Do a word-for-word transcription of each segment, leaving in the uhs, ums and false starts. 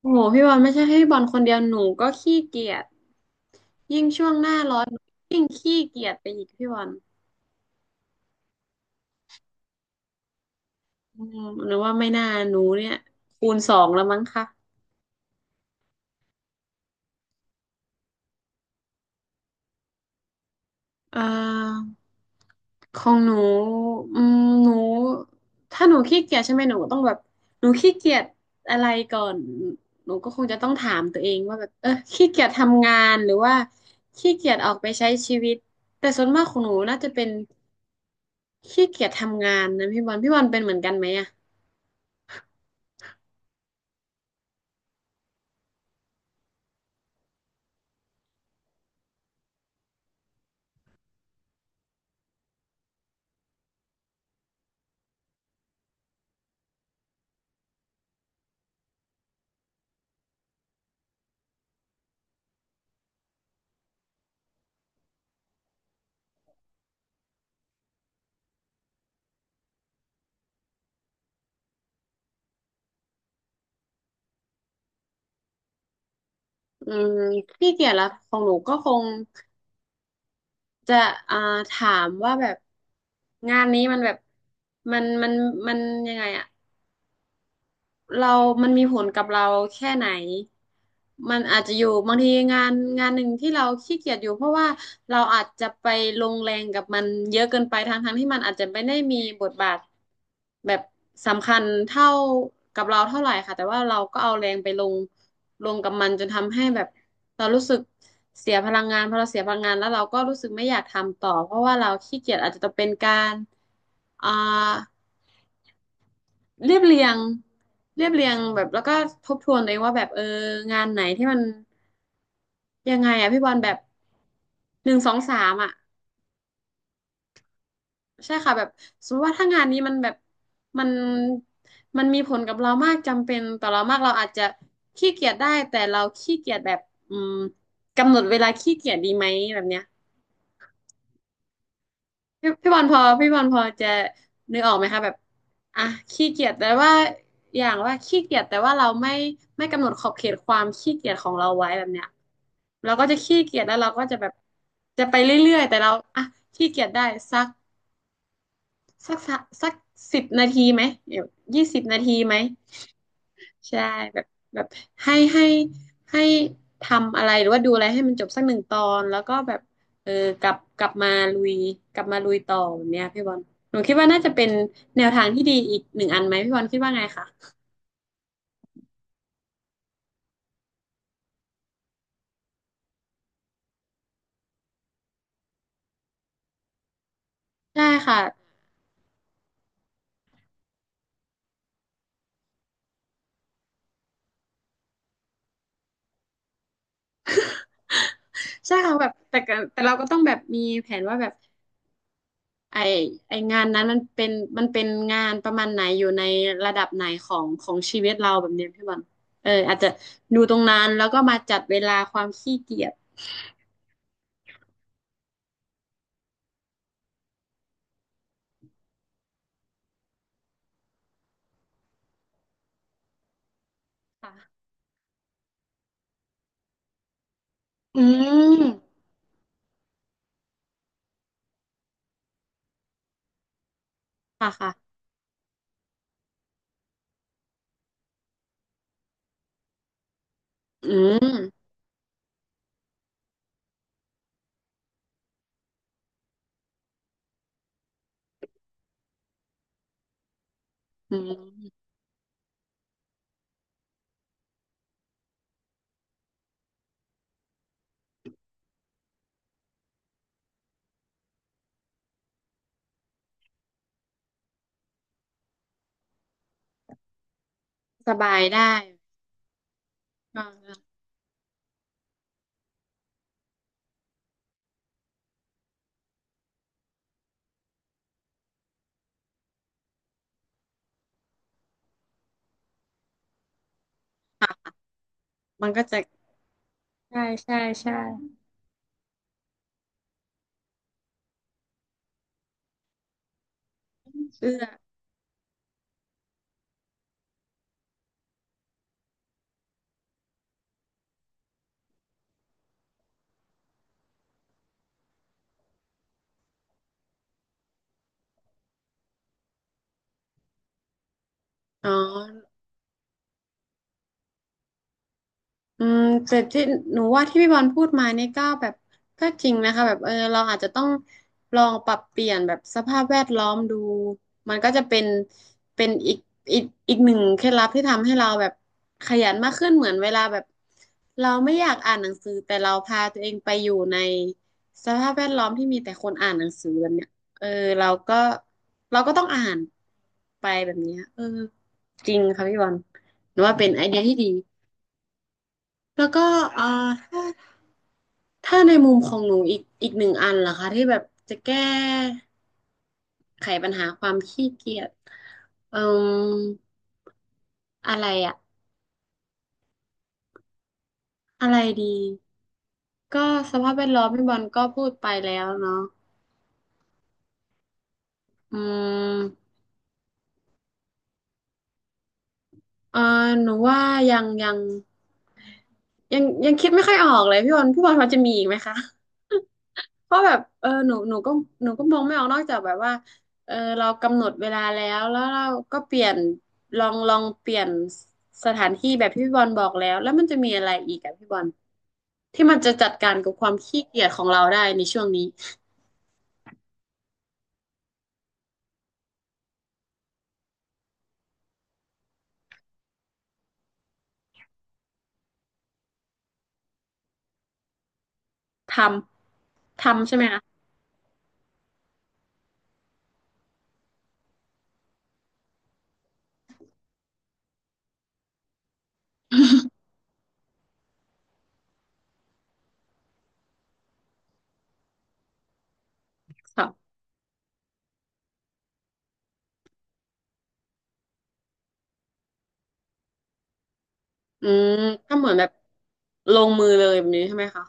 โอ้โหพี่บอลไม่ใช่ให้บอลคนเดียวหนูก็ขี้เกียจยิ่งช่วงหน้าร้อนหนูยิ่งขี้เกียจไปอีกพี่บอลอืมหนูว่าไม่น่าหนูเนี่ยคูณสองแล้วมั้งคะเอ่อของหนูอืมหนูถ้าหนูขี้เกียจใช่ไหมหนูก็ต้องแบบหนูขี้เกียจอะไรก่อนหนูก็คงจะต้องถามตัวเองว่าแบบเออขี้เกียจทำงานหรือว่าขี้เกียจออกไปใช้ชีวิตแต่ส่วนมากของหนูน่าจะเป็น ขี้เกียจทำงานนะพี่บอลพี่บอลเป็นเหมือนกันไหมอ่ะอืมขี้เกียจละของหนูก็คงจะอ่าถามว่าแบบงานนี้มันแบบมันมันมันยังไงอ่ะ เรามันมีผลกับเราแค่ไหน มันอาจจะอยู่บางทีงานงานหนึ่งที่เราขี้เกียจอยู่เพราะว่าเราอาจจะไปลงแรงกับมันเยอะเกินไปทั้งทั้งที่มันอาจจะไม่ได้มีบทบาทแบบสำคัญเท่ากับเราเท่าไหร่ค่ะแต่ว่าเราก็เอาแรงไปลงลงกับมันจนทำให้แบบเรารู้สึกเสียพลังงานพอเราเสียพลังงานแล้วเราก็รู้สึกไม่อยากทำต่อเพราะว่าเราขี้เกียจอาจจะต้องเป็นการอ่า เรียบเรียงเรียบเรียงแบบแล้วก็ทบทวนตัวเองว่าแบบเอองานไหนที่มันยังไงอะพี่บอลแบบหนึ่งสองสามอะใช่ค่ะแบบสมมติว่าถ้างานนี้มันแบบมันมันมีผลกับเรามากจำเป็นต่อเรามากเราอาจจะขี้เกียจได้แต่เราขี้เกียจแบบอืมกำหนดเวลาขี้เกียจดีไหมแบบเนี้ย พี่พี่บอลพอพี่บอลพอจะนึกออกไหมคะแบบอ่ะขี้เกียจแต่ว่าอย่างว่าขี้เกียจแต่ว่าเราไม่ไม่กำหนดขอบเขตความขี้เกียจของเราไว้แบบเนี้ยเราก็จะขี้เกียจแล้วเราก็จะแบบจะไปเรื่อยๆแต่เราอ่ะขี้เกียจได้สักสักสักสิบนาทีไหมเดี๋ยวยี่สิบนาทีไหม ใช่แบบแบบให้ให้ให้ทำอะไรหรือว่าดูอะไรให้มันจบสักหนึ่งตอนแล้วก็แบบเออกลับกลับมาลุยกลับมาลุยต่อแบบเนี้ยพี่บอลหนูคิดว่าน่าจะเป็นแนวทางที่ดีอีกหนึ่งอันไหมพี่บอลคิดว่าไงคะใช่ค่ะใช่ค่ะแบบแต่ก็แต่เราก็ต้องแบบมีแผนว่าแบบไอไองานนั้นมันเป็นมันเป็นงานประมาณไหนอยู่ในระดับไหนของของชีวิตเราแบบเนี้ยพี่บอลเอออาจจะดูตรงนั้นแล้วก็มาจัดเวลาความขี้เกียจค่ะ อืมค่ะค่ะอืมอืมสบายได้อ่าค่ะมันก็จะใช่ใช่ใช่เสื้ออ๋อ อืมแต่ที่หนูว่าที่พี่บอลพูดมานี่ก็แบบก็จริงนะคะแบบเออเราอาจจะต้องลองปรับเปลี่ยนแบบสภาพแวดล้อมดูมันก็จะเป็นเป็นอีกอีกอีกหนึ่งเคล็ดลับที่ทำให้เราแบบขยันมากขึ้นเหมือนเวลาแบบเราไม่อยากอ่านหนังสือแต่เราพาตัวเองไปอยู่ในสภาพแวดล้อมที่มีแต่คนอ่านหนังสือแบบเนี้ยเออเราก็เราก็ต้องอ่านไปแบบเนี้ยเออจริงค่ะพี่บอลหนูว่าเป็นไอเดียที่ดี แล้วก็เอ่อถ้าถ้าในมุมของหนูอีกอีกหนึ่งอันล่ะคะที่แบบจะแก้ไขปัญหาความขี้เกียจเอ่ออะไรอะอะไรดีก็สภาพแวดล้อมพี่บอลก็พูดไปแล้วเนาะอืมเอ่อหนูว่ายังยังยังยังคิดไม่ค่อยออกเลยพี่บอลพี่บอลพอจะมีอีกไหมคะ เพราะแบบเออหนูหนูก็หนูก็มองไม่ออกนอกจากแบบว่าเออเรากำหนดเวลาแล้วแล้วเราก็เปลี่ยนลองลองเปลี่ยนสถานที่แบบที่พี่บอลบอกแล้วแล้วมันจะมีอะไรอีกอะพี่บอลที่มันจะจัดการกับความขี้เกียจของเราได้ในช่วงนี้ทำทำใช่ไหมคะค่ะอืมก็เหมือนแบบลงมือเลยแบบนี้ใช่ไหมคะ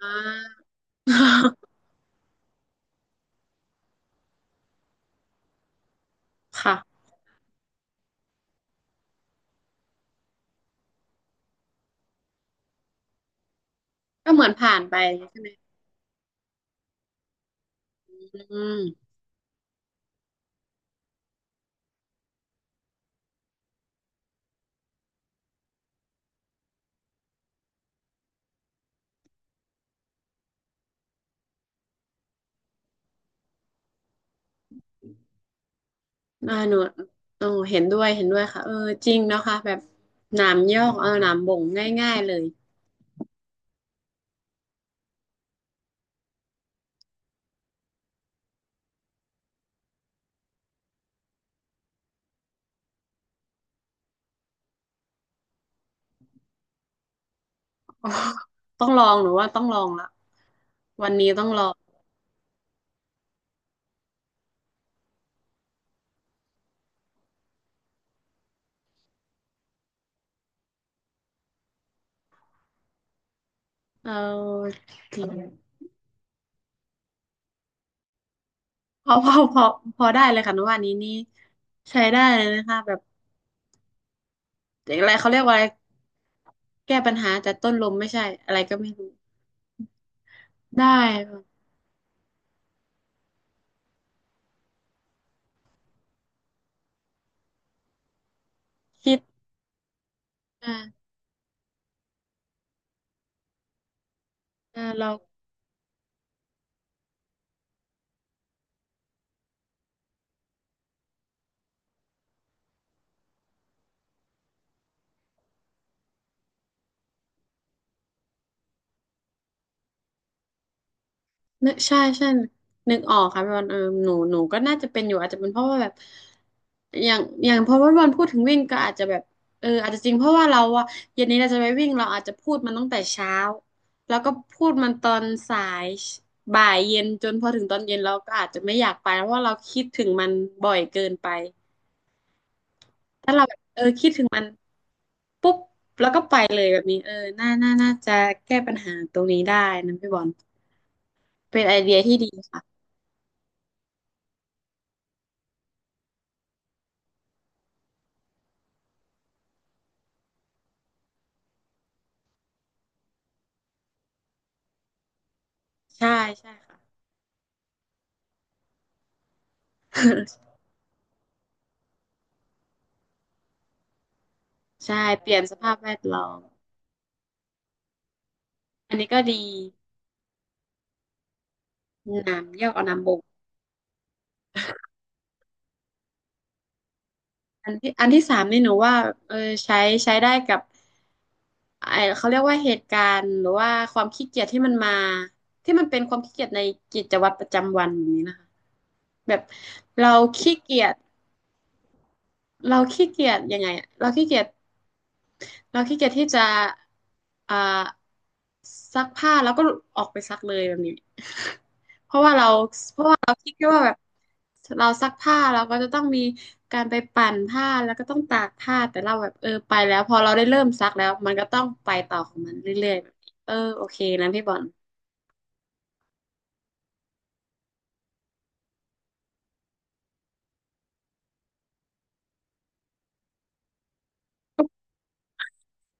อ่า ค่ะก็เหมือนผ่านไปใช่ไหมอืม อ่าหนูโอ้เห็นด้วยเห็นด้วยค่ะเออจริงเนาะค่ะแบบหนามยอกเออหนามบ่งง่ายๆเลยอ๋อต้องลองหนูว่าต้องลองละวันนี้ต้องลองเออจริงพอพอพอพอได้เลยค่ะหนูว่านี้นี่ใช้ได้เลยนะคะแบบอะไรเขาเรียกว่าอะไรแก้ปัญหาแต่ต้นลมไม่ใช่อะไรก็ไม่รู้ได้ค่ะคิดอ่าอ่าเรา นึกใช่ใช่นึกออกค่ะพี่บอลเออหนูหนูก็น่าจะเป็นอยู่อาจจะเป็นเพราะว่าแบบอย่างอย่างพอพี่บอลพูดถึงวิ่งก็อาจจะแบบเอออาจจะจริงเพราะว่าเราอะเย็นนี้เราจะไปวิ่งเราอาจจะพูดมันตั้งแต่เช้าแล้วก็พูดมันตอนสายบ่ายเย็นจนพอถึงตอนเย็นเราก็อาจจะไม่อยากไปเพราะว่าเราคิดถึงมันบ่อยเกินไปถ้าเราแบบเออคิดถึงมันปุ๊บแล้วก็ไปเลยแบบนี้เออน่าน่าน่าจะแก้ปัญหาตรงนี้ได้นะพี่บอลเป็นไอเดียที่ดีค่ะใช่ใช่ค่ะ ใช่เปลี่ยนสภาพแวดล้อมอันนี้ก็ดีน้ำเยี่ยวเอาน้ำบกอันที่อันที่สามนี่หนูว่าเออใช้ใช้ได้กับไอเขาเรียกว่าเหตุการณ์หรือว่าความขี้เกียจที่มันมาที่มันเป็นความขี้เกียจในกิจวัตรประจำวันแบบนี้นะคะแบบเราขี้เกียจเราขี้เกียจยังไงอะเราขี้เกียจ เราขี้เกียจที่จะอ่าซักผ้าแล้วก็ออกไปซักเลยแบบนี้ เพราะว่าเราเพราะว่าเราคิดแค่ว่าแบบเราซักผ้าเราก็จะต้องมีการไปปั่นผ้าแล้วก็ต้องตากผ้าแต่เราแบบเออไปแล้วพอเราได้เริ่มซักแล้วมันก็ต้องไปต่อของมันเรื่อยๆแบบนี้เออโอเคนะพี่บอล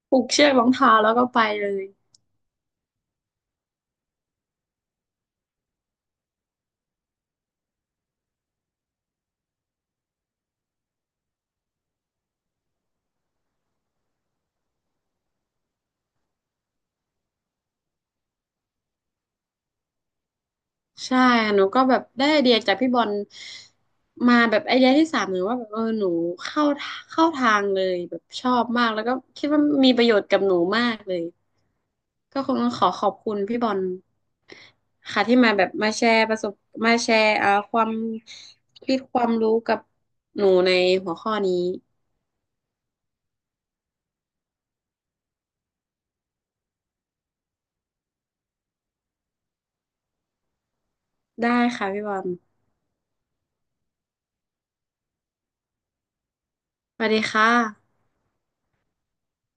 ผูกเชือกรองเท้าแล้วก็ไปเลย ใช่หนูก็แบบได้ไอเดียจากพี่บอลมาแบบไอเดียที่สามหนูว่าแบบเออหนูเข้าเข้าทางเลยแบบชอบมากแล้วก็คิดว่ามีประโยชน์กับหนูมากเลยก็คงต้องขอขอบคุณพี่บอลค่ะที่มาแบบมาแชร์ประสบมาแชร์เอ่อความคิดความรู้กับหนูในหัวข้อนี้ได้ค่ะพี่บอลสวัสดีค่ะ